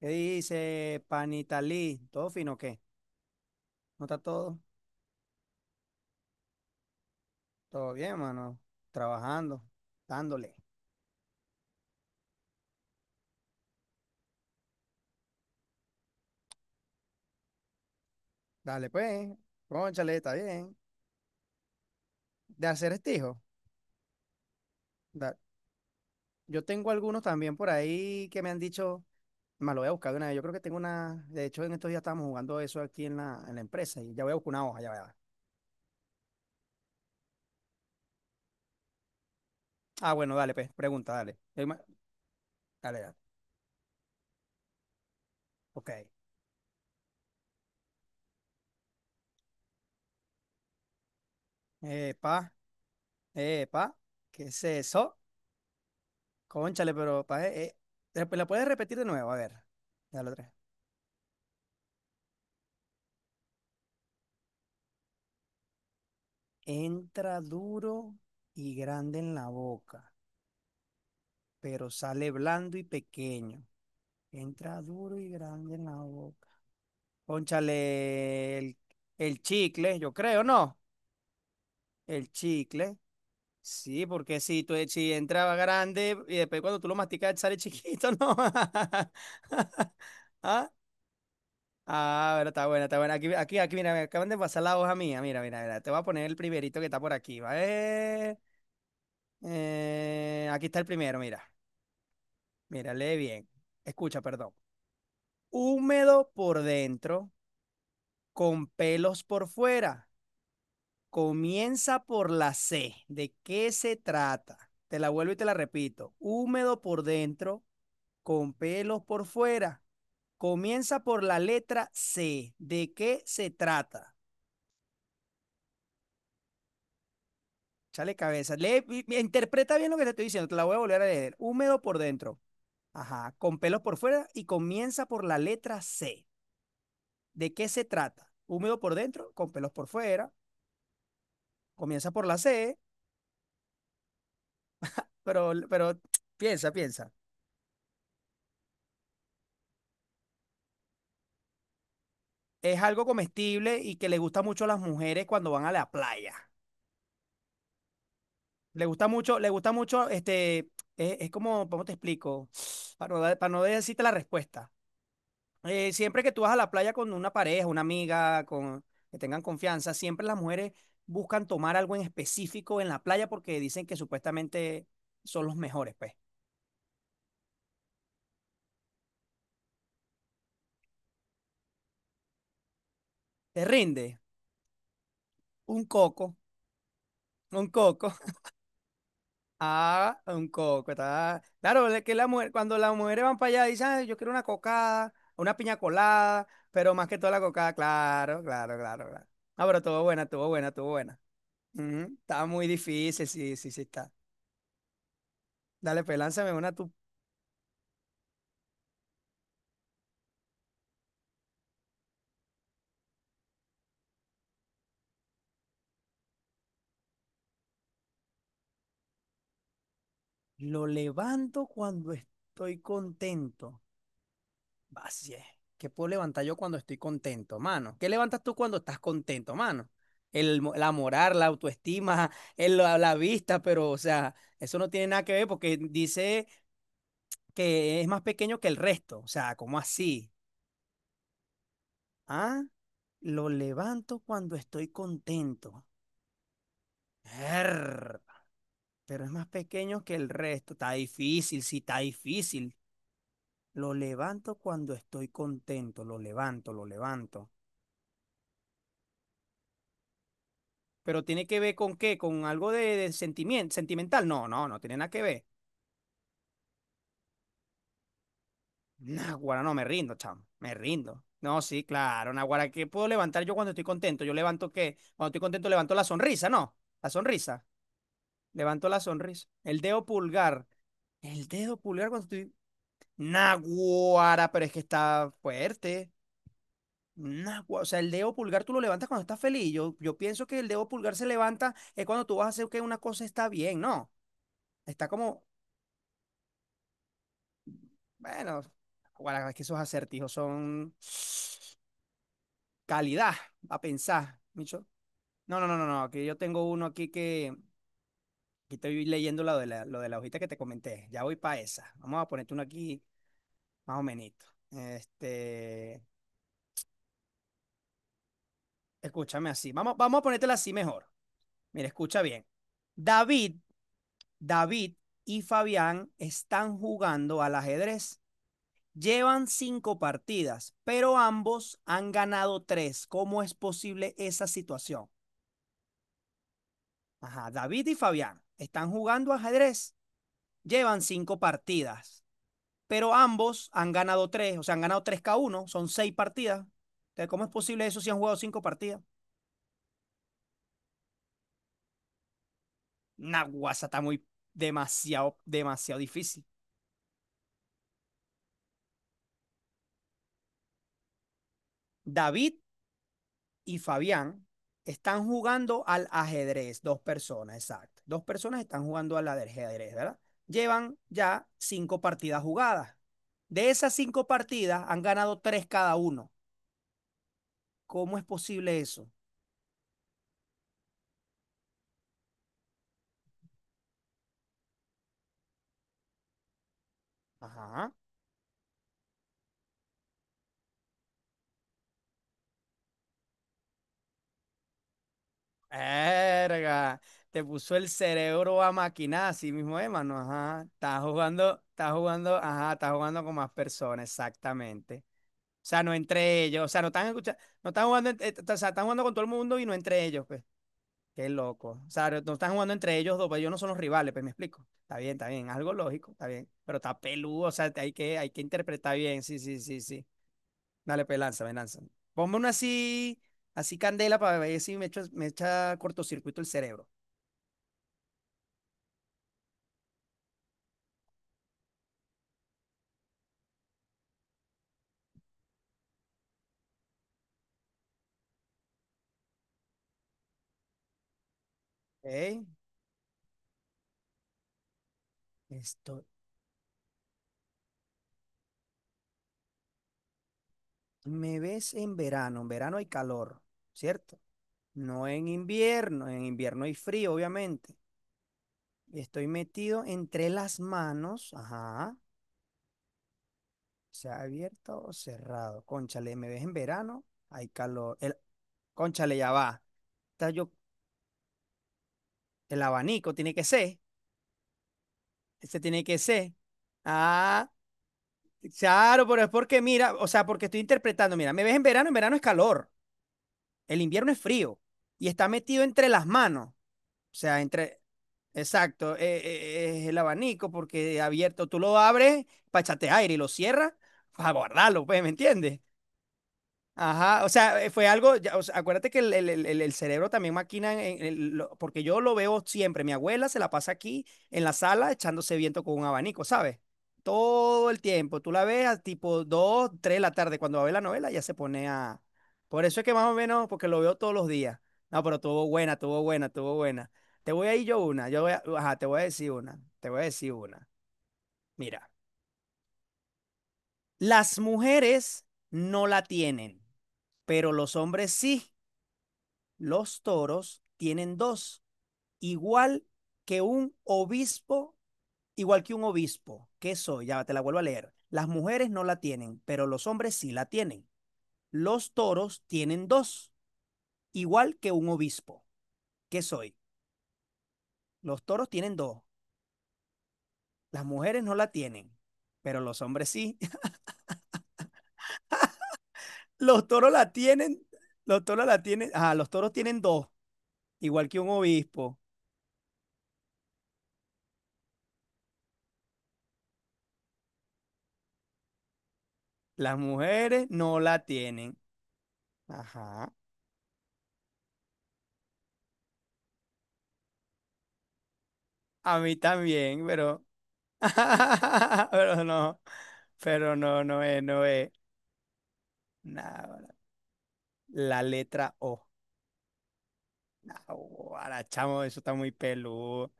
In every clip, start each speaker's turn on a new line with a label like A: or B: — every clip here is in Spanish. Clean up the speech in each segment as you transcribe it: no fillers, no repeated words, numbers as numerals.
A: ¿Qué dice Panitalí? ¿Todo fino o qué? ¿No está todo? Todo bien, mano. Trabajando, dándole. Dale, pues. Cónchale, está bien. De hacer estijo. da- Yo tengo algunos también por ahí que me han dicho, me lo voy a buscar de una vez. Yo creo que tengo una. De hecho, en estos días estábamos jugando eso aquí en la empresa y ya voy a buscar una hoja, ya va. Ah, bueno, dale, pues. Pregunta, dale. Dale, dale. Ok. Epa, epa. ¿Qué es eso? Cónchale, pero ¿la puedes repetir de nuevo? A ver. Dale otra vez. Entra duro y grande en la boca, pero sale blando y pequeño. Entra duro y grande en la boca. Pónchale el chicle, yo creo, ¿no? El chicle. Sí, porque si, tú, si entraba grande y después cuando tú lo masticas sale chiquito, ¿no? ¿Ah? Ah, bueno, está buena, está buena. Aquí, aquí, aquí, mira, me acaban de pasar la hoja mía. Mira, mira, mira. Te voy a poner el primerito que está por aquí, ¿vale? Aquí está el primero, mira. Mírale bien. Escucha, perdón. Húmedo por dentro, con pelos por fuera. Comienza por la C. ¿De qué se trata? Te la vuelvo y te la repito. Húmedo por dentro, con pelos por fuera. Comienza por la letra C. ¿De qué se trata? Chale cabeza. Interpreta bien lo que te estoy diciendo. Te la voy a volver a leer. Húmedo por dentro. Ajá. Con pelos por fuera y comienza por la letra C. ¿De qué se trata? Húmedo por dentro, con pelos por fuera. Comienza por la C, pero piensa, piensa. Es algo comestible y que le gusta mucho a las mujeres cuando van a la playa. Le gusta mucho, es como, ¿cómo te explico? Para para no decirte la respuesta. Siempre que tú vas a la playa con una pareja, una amiga, con, que tengan confianza, siempre las mujeres buscan tomar algo en específico en la playa porque dicen que supuestamente son los mejores, pues. Te rinde un coco. Un coco. Ah, un coco. Está... Claro, es que la mujer, cuando las mujeres van para allá, dicen, "Ay, yo quiero una cocada, una piña colada, pero más que toda la cocada, claro, claro, claro, claro". Ah, pero estuvo buena, estuvo buena, estuvo buena. Ujú, está muy difícil, sí, sí, sí está. Dale, pues lánzame una tú. Lo levanto cuando estoy contento. Así es. ¿Qué puedo levantar yo cuando estoy contento, mano? ¿Qué levantas tú cuando estás contento, mano? La moral, la autoestima, la vista, pero, o sea, eso no tiene nada que ver porque dice que es más pequeño que el resto. O sea, ¿cómo así? Ah, lo levanto cuando estoy contento. Err, pero es más pequeño que el resto. Está difícil, sí, está difícil. Lo levanto cuando estoy contento. Lo levanto, lo levanto. Pero tiene que ver con qué, con algo de sentimiento, sentimental. No, no, no tiene nada que ver. Naguará, no, me rindo, chamo, me rindo. No, sí, claro, Naguará, ¿qué puedo levantar yo cuando estoy contento? Yo levanto qué, cuando estoy contento levanto la sonrisa, ¿no? La sonrisa, levanto la sonrisa. El dedo pulgar cuando estoy... Naguará, pero es que está fuerte. Naguará, o sea, el dedo pulgar tú lo levantas cuando estás feliz. Yo pienso que el dedo pulgar se levanta es cuando tú vas a hacer que una cosa está bien, ¿no? Está como bueno, guarda, es que esos acertijos son calidad, a pensar, Micho. No, no, no, no, no, que yo tengo uno aquí que estoy leyendo lo de lo de la hojita que te comenté. Ya voy para esa. Vamos a ponerte uno aquí más o menos. Este, escúchame así. Vamos a ponértela así mejor. Mira, escucha bien. David, David y Fabián están jugando al ajedrez. Llevan cinco partidas, pero ambos han ganado tres. ¿Cómo es posible esa situación? Ajá, David y Fabián están jugando ajedrez. Llevan cinco partidas, pero ambos han ganado tres, o sea, han ganado tres cada uno, son seis partidas. Entonces, ¿cómo es posible eso si han jugado cinco partidas? Naguasa está muy demasiado, demasiado difícil. David y Fabián están jugando al ajedrez, dos personas, exacto. Dos personas están jugando al ajedrez, ¿verdad? Llevan ya cinco partidas jugadas. De esas cinco partidas han ganado tres cada uno. ¿Cómo es posible eso? Ajá. Erga, te puso el cerebro a maquinar, así mismo, hermano. Ajá. Estás jugando, ajá, estás jugando con más personas, exactamente. O sea, no entre ellos, o sea, no están escuchando, no están jugando, o sea, están jugando con todo el mundo y no entre ellos, pues. Qué loco. O sea, no están jugando entre ellos dos, pero ellos no son los rivales, pues me explico. Está bien, algo lógico, está bien. Pero está peludo, o sea, hay que interpretar bien. Sí, sí, sí, sí. Dale, pues lanza, me lanza. Ponme una así, así candela para ver si me echa, me echa cortocircuito el cerebro. ¿Ok? Esto, me ves en verano hay calor, ¿cierto? No en invierno, en invierno hay frío, obviamente. Estoy metido entre las manos, ajá, sea abierto o cerrado. Cónchale, me ves en verano, hay calor. El, cónchale, ya va. Está yo, el abanico tiene que ser. Ese tiene que ser. Ah, claro, pero es porque mira, o sea, porque estoy interpretando. Mira, me ves en verano es calor. El invierno es frío. Y está metido entre las manos. O sea, entre. Exacto, es el abanico porque abierto tú lo abres para echarte aire y lo cierras para guardarlo, pues, ¿me entiendes? Ajá, o sea, fue algo, ya, o sea, acuérdate que el cerebro también maquina, porque yo lo veo siempre, mi abuela se la pasa aquí en la sala echándose viento con un abanico, ¿sabes? Todo el tiempo, tú la ves a tipo 2 3 de la tarde, cuando va a ver la novela ya se pone a... Por eso es que más o menos, porque lo veo todos los días. No, pero tuvo buena, tuvo buena, tuvo buena. Te voy a ir yo una, ajá, te voy a decir una, te voy a decir una. Mira, las mujeres no la tienen, pero los hombres sí. Los toros tienen dos, igual que un obispo, igual que un obispo. ¿Qué soy? Ya te la vuelvo a leer. Las mujeres no la tienen, pero los hombres sí la tienen. Los toros tienen dos, igual que un obispo. ¿Qué soy? Los toros tienen dos, las mujeres no la tienen, pero los hombres sí. Los toros la tienen, los toros la tienen, ah, los toros tienen dos, igual que un obispo. Las mujeres no la tienen. Ajá. A mí también, pero pero no, pero no, no es, no es. Nada, la letra O. Ahora, chamo, eso está muy peludo,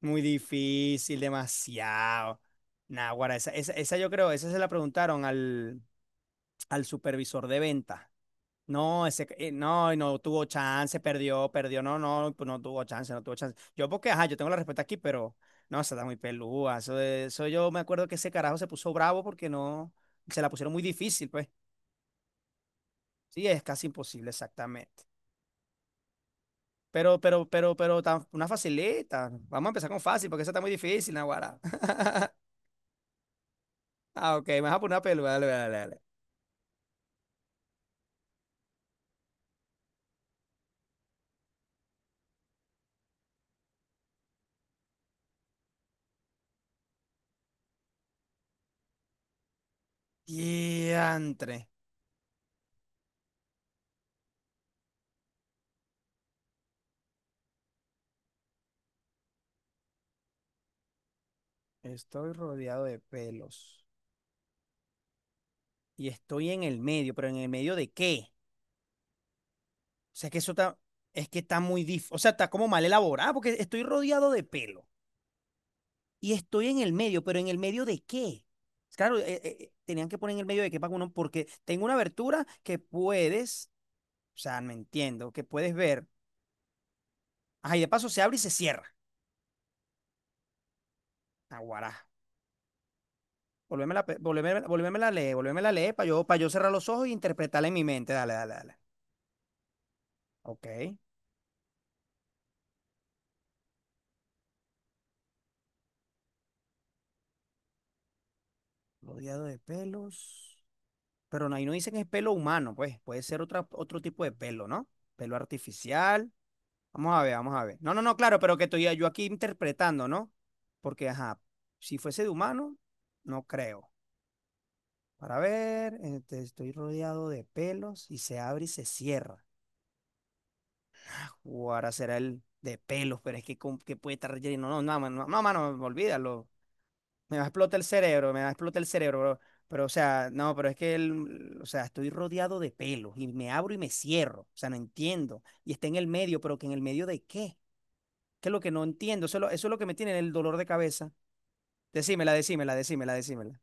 A: muy difícil, demasiado. Nah, guara, esa yo creo, esa se la preguntaron al, al supervisor de venta. No, ese, no, y no tuvo chance, perdió, perdió, no, no, pues no tuvo chance, no tuvo chance. Yo porque, ajá, yo tengo la respuesta aquí, pero no, esa está muy peluda. Eso, eso yo me acuerdo que ese carajo se puso bravo porque no, se la pusieron muy difícil, pues. Sí, es casi imposible, exactamente. Pero una facilita. Vamos a empezar con fácil, porque esa está muy difícil, Naguará. Ah, ok, me vas a poner una pelo. Dale, dale, dale. Diantre. Estoy rodeado de pelos. Y estoy en el medio, pero ¿en el medio de qué? O sea, que eso está, es que está muy dif. O sea, está como mal elaborado, porque estoy rodeado de pelo. Y estoy en el medio, pero ¿en el medio de qué? Claro, tenían que poner en el medio de qué para uno, porque tengo una abertura que puedes. O sea, no entiendo. Que puedes ver. Ajá, y de paso se abre y se cierra. Aguará. Volvémela, volvémela a leer para yo cerrar los ojos y interpretarla en mi mente. Dale, dale, dale. Ok. Rodeado de pelos. Pero no, ahí no dicen que es pelo humano, pues. Puede ser otra, otro tipo de pelo, ¿no? Pelo artificial. Vamos a ver, vamos a ver. No, no, no, claro, pero que estoy yo aquí interpretando, ¿no? Porque, ajá, si fuese de humano, no creo. Para ver, este, estoy rodeado de pelos y se abre y se cierra. O ahora será el de pelos, pero es que, ¿con qué puede estar relleno? No, no, mano, no, mano, olvídalo. Me va a explotar el cerebro, me va a explotar el cerebro, bro. Pero, o sea, no, pero es que, o sea, estoy rodeado de pelos y me abro y me cierro. O sea, no entiendo. Y está en el medio, pero ¿que en el medio de qué? ¿Qué es lo que no entiendo? Eso es lo que me tiene el dolor de cabeza. Decímela, decímela, decímela, decímela.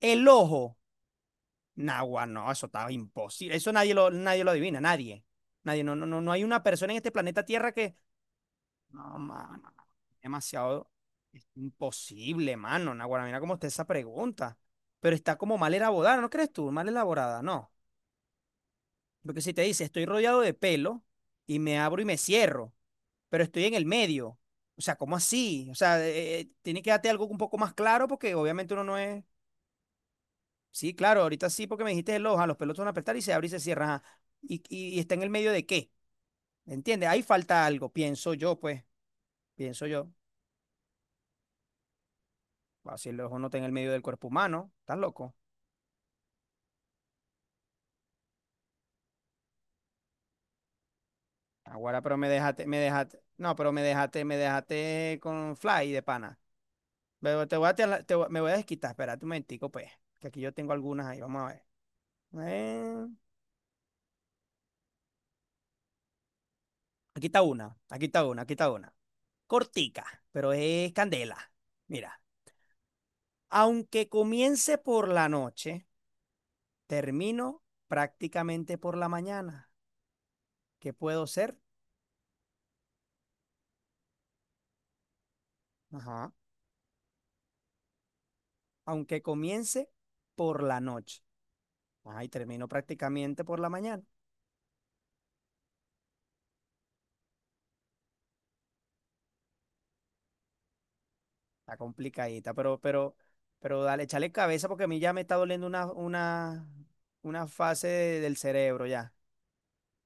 A: El ojo. Nagua, no, eso estaba imposible. Eso nadie lo, nadie lo adivina, nadie. Nadie, no, no, no, no hay una persona en este planeta Tierra que... No, mano. Demasiado es imposible, mano. Naguará, mira cómo está esa pregunta. Pero está como mal elaborada, ¿no crees tú? Mal elaborada, no. Porque si te dice, estoy rodeado de pelo y me abro y me cierro, pero estoy en el medio. O sea, ¿cómo así? O sea, tiene que darte algo un poco más claro porque obviamente uno no es... Sí, claro, ahorita sí, porque me dijiste el ojo, los pelos van a apretar y se abre y se cierra. Ajá. ¿Y está en el medio de qué? ¿Entiendes? Ahí falta algo, pienso yo, pues, pienso yo. Bacilo es uno está en el medio del cuerpo humano. ¿Estás loco? Ahora, pero me dejaste, me dejaste. No, pero me dejaste con fly de pana. Pero te voy a, tela- te voy- me voy a desquitar. Espérate un momentico, pues. Que aquí yo tengo algunas ahí. Vamos a ver. Eh, aquí está una. Aquí está una. Aquí está una. Cortica, pero es candela. Mira. Aunque comience por la noche, termino prácticamente por la mañana. ¿Qué puedo ser? Ajá. Aunque comience por la noche. Ajá, y termino prácticamente por la mañana. Está complicadita, pero dale, échale cabeza porque a mí ya me está doliendo una fase del cerebro ya.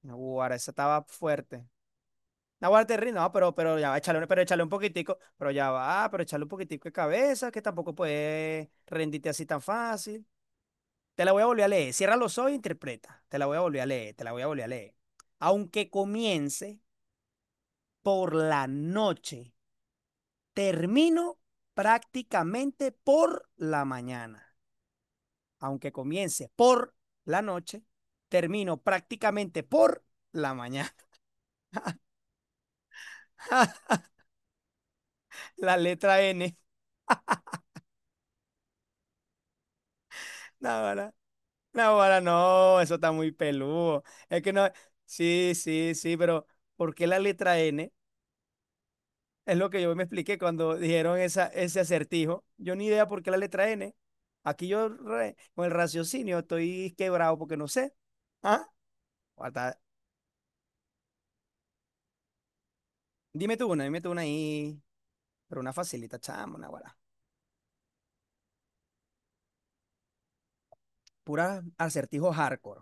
A: Naguará, esa estaba fuerte. Naguará, te ríes, no, pero ya va, échale, pero échale un poquitico, pero ya va, pero échale un poquitico de cabeza, que tampoco puedes rendirte así tan fácil. Te la voy a volver a leer. Cierra los ojos e interpreta. Te la voy a volver a leer, te la voy a volver a leer. Aunque comience por la noche termino prácticamente por la mañana. Aunque comience por la noche, termino prácticamente por la mañana. La letra N. Naguará, naguará, no, eso está muy peludo. Es que no. Sí, sí, sí, pero ¿por qué la letra N? Es lo que yo me expliqué cuando dijeron ese acertijo. Yo ni idea por qué la letra N. Con el raciocinio estoy quebrado porque no sé. ¿Ah? Guarda. Dime tú una ahí, pero una facilita, chamo, una guara. Pura acertijo hardcore.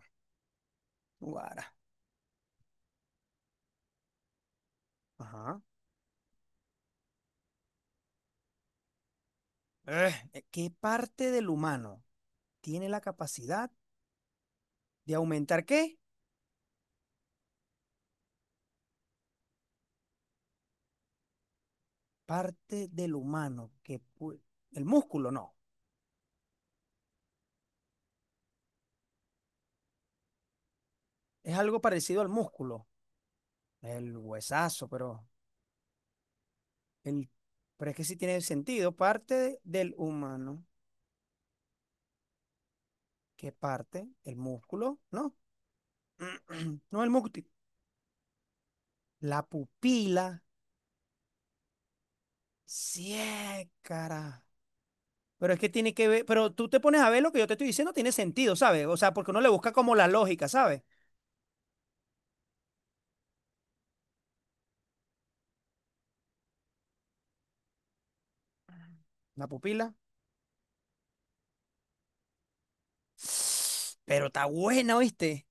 A: Guara. Ajá. ¿Qué parte del humano tiene la capacidad de aumentar qué? Parte del humano que pu- El músculo no. Es algo parecido al músculo, el huesazo, pero el pero es que sí tiene sentido, parte del humano, ¿qué parte? El músculo, ¿no? No el músculo, la pupila, sí, cara. Pero es que tiene que ver, pero tú te pones a ver lo que yo te estoy diciendo, tiene sentido, ¿sabes? O sea, porque uno le busca como la lógica, ¿sabes? La pupila. Pero está buena, ¿oíste?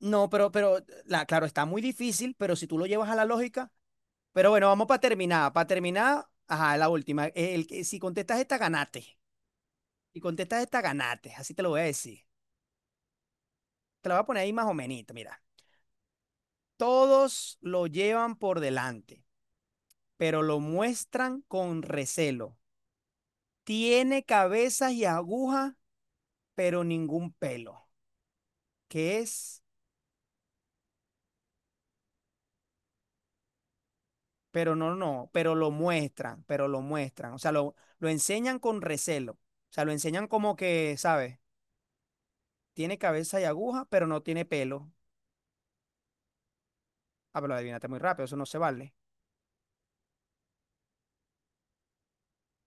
A: No, pero, la, claro, está muy difícil, pero si tú lo llevas a la lógica. Pero bueno, vamos para terminar. Para terminar, ajá, la última. El, que- si contestas esta, ganate. Si contestas esta, ganate. Así te lo voy a decir. Te la voy a poner ahí más o menos, mira. Todos lo llevan por delante, pero lo muestran con recelo. Tiene cabezas y agujas pero ningún pelo, que es, pero no, no, pero lo muestran, o sea, lo enseñan con recelo, o sea, lo enseñan como que, ¿sabes? Tiene cabeza y aguja, pero no tiene pelo. Ah, pero adivínate muy rápido, eso no se vale.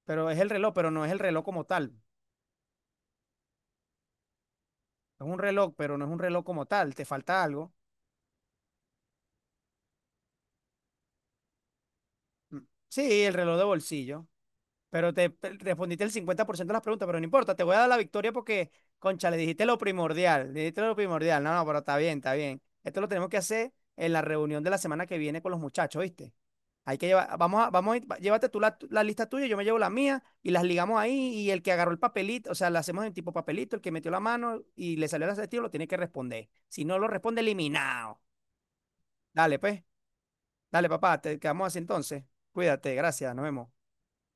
A: Pero es el reloj, pero no es el reloj como tal. Es un reloj, pero no es un reloj como tal, te falta algo. Mm. Sí, el reloj de bolsillo. Pero te respondiste el 50% de las preguntas, pero no importa, te voy a dar la victoria porque, concha, le dijiste lo primordial, le dijiste lo primordial. No, no, pero está bien, está bien. Esto lo tenemos que hacer en la reunión de la semana que viene con los muchachos, ¿viste? Hay que llevar, vamos a, vamos a, ir- va- llévate tú la, la lista tuya, yo me llevo la mía y las ligamos ahí y el que agarró el papelito, o sea, la hacemos en tipo papelito, el que metió la mano y le salió el acertijo lo tiene que responder. Si no lo responde, eliminado. Dale, pues, dale, papá, te quedamos así entonces. Cuídate, gracias, nos vemos.